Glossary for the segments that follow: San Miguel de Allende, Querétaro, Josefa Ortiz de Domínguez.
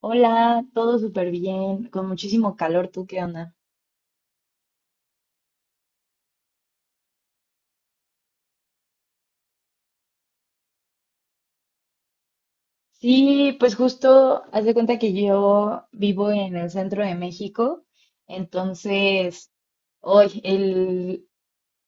Hola, todo súper bien, con muchísimo calor, ¿tú qué onda? Sí, pues justo haz de cuenta que yo vivo en el centro de México, entonces hoy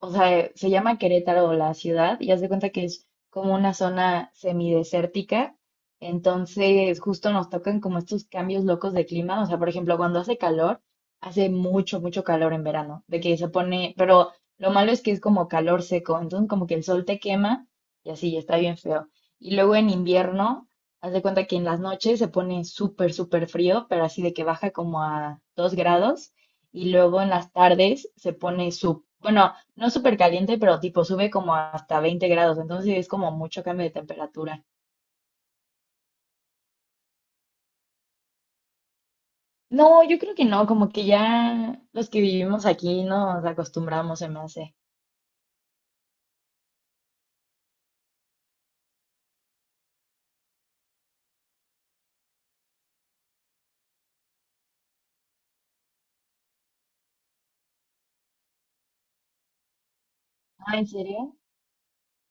se llama Querétaro la ciudad y haz de cuenta que es como una zona semidesértica. Entonces, justo nos tocan como estos cambios locos de clima. O sea, por ejemplo, cuando hace calor, hace mucho, mucho calor en verano, de que se pone, pero lo malo es que es como calor seco, entonces como que el sol te quema y así, está bien feo. Y luego en invierno, haz de cuenta que en las noches se pone súper, súper frío, pero así de que baja como a 2 grados. Y luego en las tardes se pone su, bueno, no súper caliente, pero tipo sube como hasta 20 grados, entonces sí es como mucho cambio de temperatura. No, yo creo que no, como que ya los que vivimos aquí nos acostumbramos, se me hace. Ah, ¿en serio?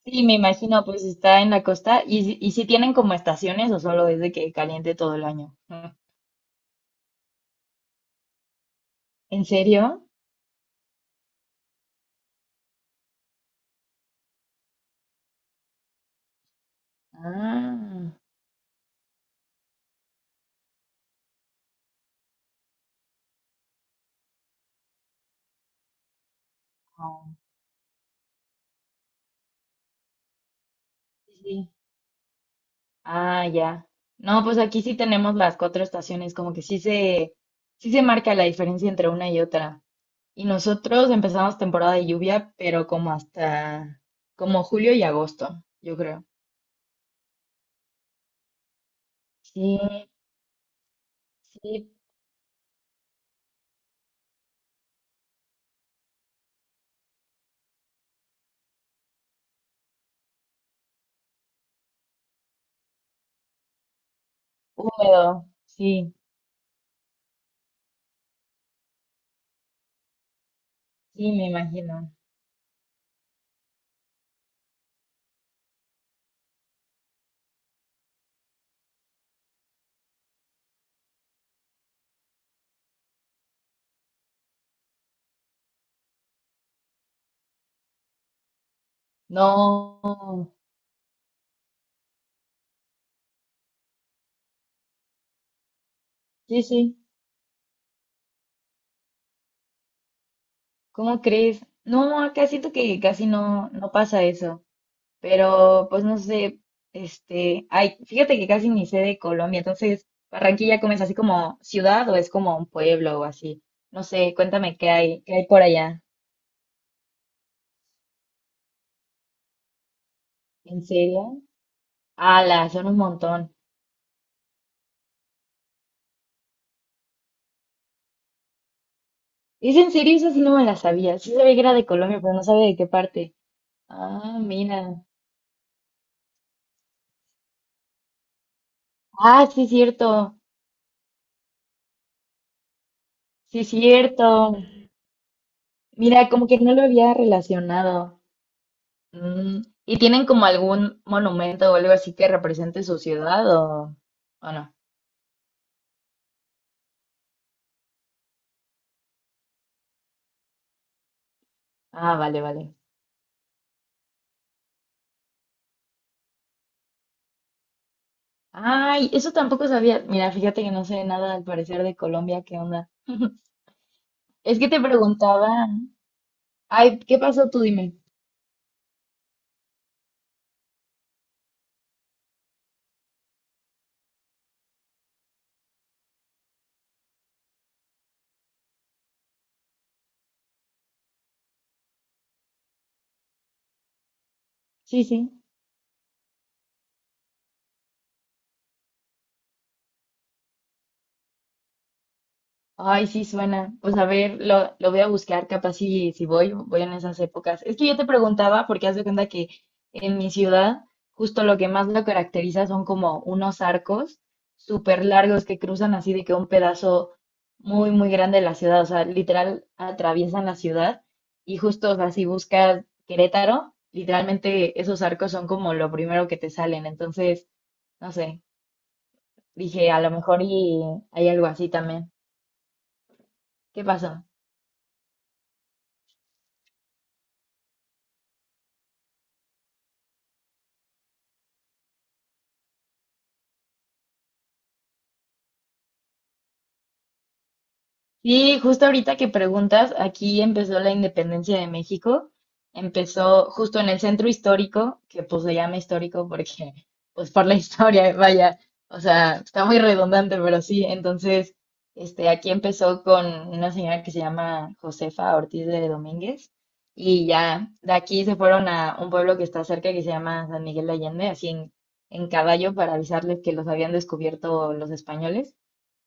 Sí, me imagino, pues está en la costa y si tienen como estaciones o solo es de que caliente todo el año. Mm. ¿En serio? Ah, oh, sí. Sí. Ah, ya. No, pues aquí sí tenemos las cuatro estaciones, como que sí se marca la diferencia entre una y otra. Y nosotros empezamos temporada de lluvia, pero como hasta como julio y agosto, yo creo. Sí, sí, húmedo, sí, sí, me imagino. No, sí, sí, ¿cómo crees? No, acá siento que casi no, no pasa eso, pero pues no sé, ay, fíjate que casi ni sé de Colombia, entonces, ¿Barranquilla como es así como ciudad o es como un pueblo o así? No sé, cuéntame qué hay por allá. ¿En serio? Ala, son un montón. ¿Es en serio? Esa sí no me la sabía. Sí sabía que era de Colombia, pero no sabía de qué parte. Ah, mira. Ah, sí, cierto. Sí, cierto. Mira, como que no lo había relacionado. Mm, ¿y tienen como algún monumento o algo así que represente su ciudad o no? Ah, vale, vale. Ay, eso tampoco sabía. Mira, fíjate que no sé nada al parecer de Colombia. ¿Qué onda? Es que te preguntaba. Ay, ¿qué pasó? Tú dime. Sí, sí. Ay, sí suena. Pues a ver, lo voy a buscar, capaz si, si voy, voy en esas épocas. Es que yo te preguntaba, porque haz de cuenta que en mi ciudad, justo lo que más lo caracteriza son como unos arcos súper largos que cruzan así de que un pedazo muy, muy grande de la ciudad, o sea, literal atraviesan la ciudad. Y justo, o sea, si buscas Querétaro, literalmente esos arcos son como lo primero que te salen. Entonces, no sé, dije, a lo mejor y hay algo así también. ¿Qué pasó? Sí, justo ahorita que preguntas, aquí empezó la independencia de México. Empezó justo en el centro histórico, que pues se llama histórico porque, pues por la historia, vaya, o sea, está muy redundante, pero sí. Entonces, aquí empezó con una señora que se llama Josefa Ortiz de Domínguez, y ya de aquí se fueron a un pueblo que está cerca que se llama San Miguel de Allende, así en caballo para avisarles que los habían descubierto los españoles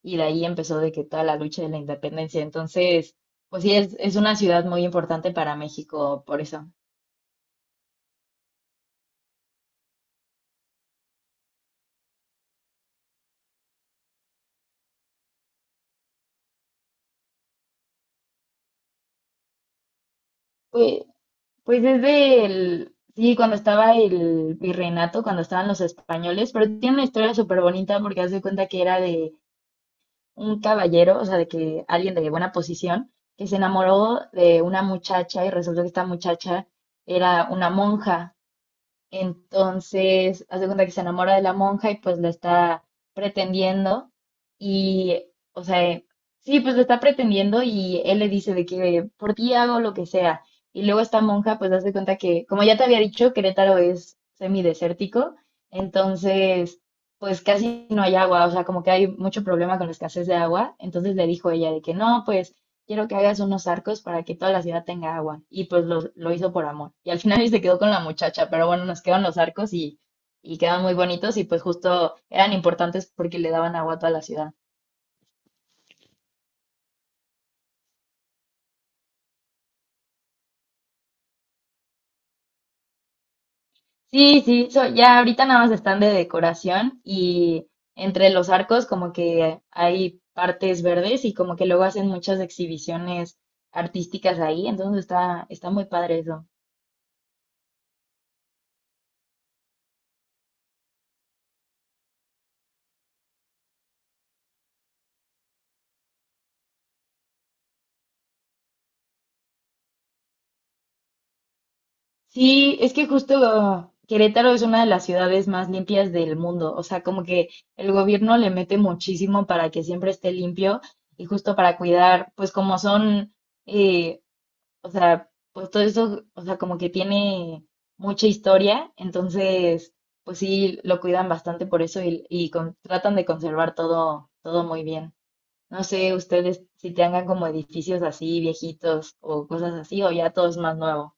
y de ahí empezó de que toda la lucha de la independencia. Entonces, pues sí, es una ciudad muy importante para México, por eso. Pues, pues desde el, sí, cuando estaba el virreinato, cuando estaban los españoles, pero tiene una historia súper bonita porque haz de cuenta que era de un caballero, o sea, de que alguien de buena posición, que se enamoró de una muchacha y resultó que esta muchacha era una monja. Entonces, hace cuenta que se enamora de la monja y pues la está pretendiendo. Y, o sea, sí, pues la está pretendiendo y él le dice de que por ti hago lo que sea. Y luego esta monja pues hace cuenta que, como ya te había dicho, Querétaro es semidesértico. Entonces, pues casi no hay agua. O sea, como que hay mucho problema con la escasez de agua. Entonces le dijo ella de que no, pues quiero que hagas unos arcos para que toda la ciudad tenga agua. Y pues lo hizo por amor. Y al final se quedó con la muchacha, pero bueno, nos quedan los arcos y quedan muy bonitos y pues justo eran importantes porque le daban agua a toda la ciudad. Sí, sí, so- ya ahorita nada más están de decoración y entre los arcos como que hay partes verdes y como que luego hacen muchas exhibiciones artísticas ahí, entonces está, está muy padre eso. Sí, es que justo Querétaro es una de las ciudades más limpias del mundo. O sea, como que el gobierno le mete muchísimo para que siempre esté limpio y justo para cuidar, pues como son, eh, o sea, pues todo eso, o sea, como que tiene mucha historia. Entonces, pues sí, lo cuidan bastante por eso y con- tratan de conservar todo, todo muy bien. No sé ustedes si tengan como edificios así viejitos o cosas así o ya todo es más nuevo.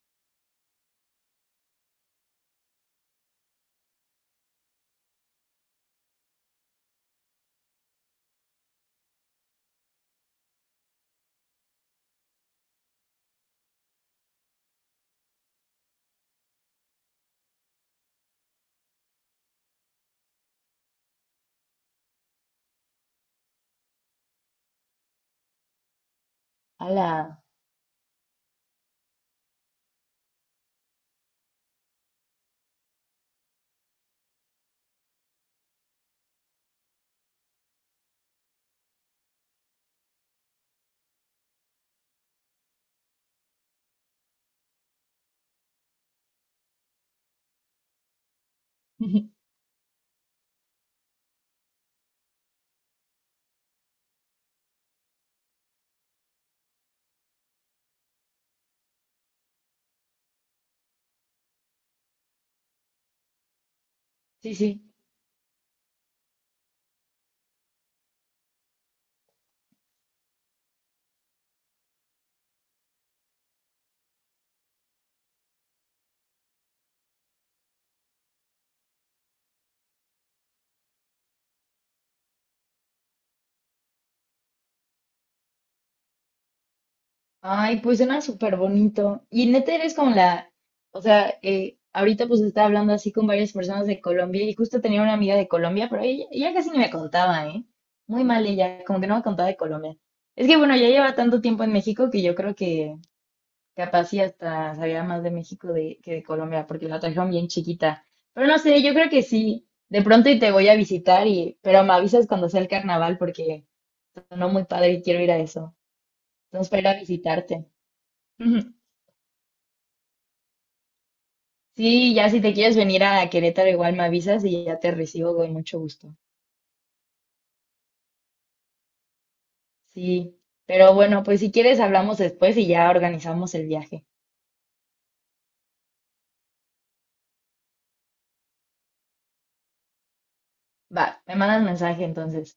¡Hala! Sí, sí. Ay, pues suena súper bonito. Y neta eres como la, o sea, ahorita pues estaba hablando así con varias personas de Colombia y justo tenía una amiga de Colombia, pero ella casi ni me contaba, ¿eh? Muy mal ella, como que no me contaba de Colombia. Es que bueno, ya lleva tanto tiempo en México que yo creo que capaz sí hasta sabía más de México de, que de Colombia, porque la trajeron bien chiquita. Pero no sé, yo creo que sí. De pronto y te voy a visitar y, pero me avisas cuando sea el carnaval porque sonó muy padre y quiero ir a eso. Entonces, para ir a visitarte. Ujú. Sí, ya si te quieres venir a Querétaro, igual me avisas y ya te recibo con mucho gusto. Sí, pero bueno, pues si quieres hablamos después y ya organizamos el viaje. Va, me mandas mensaje entonces.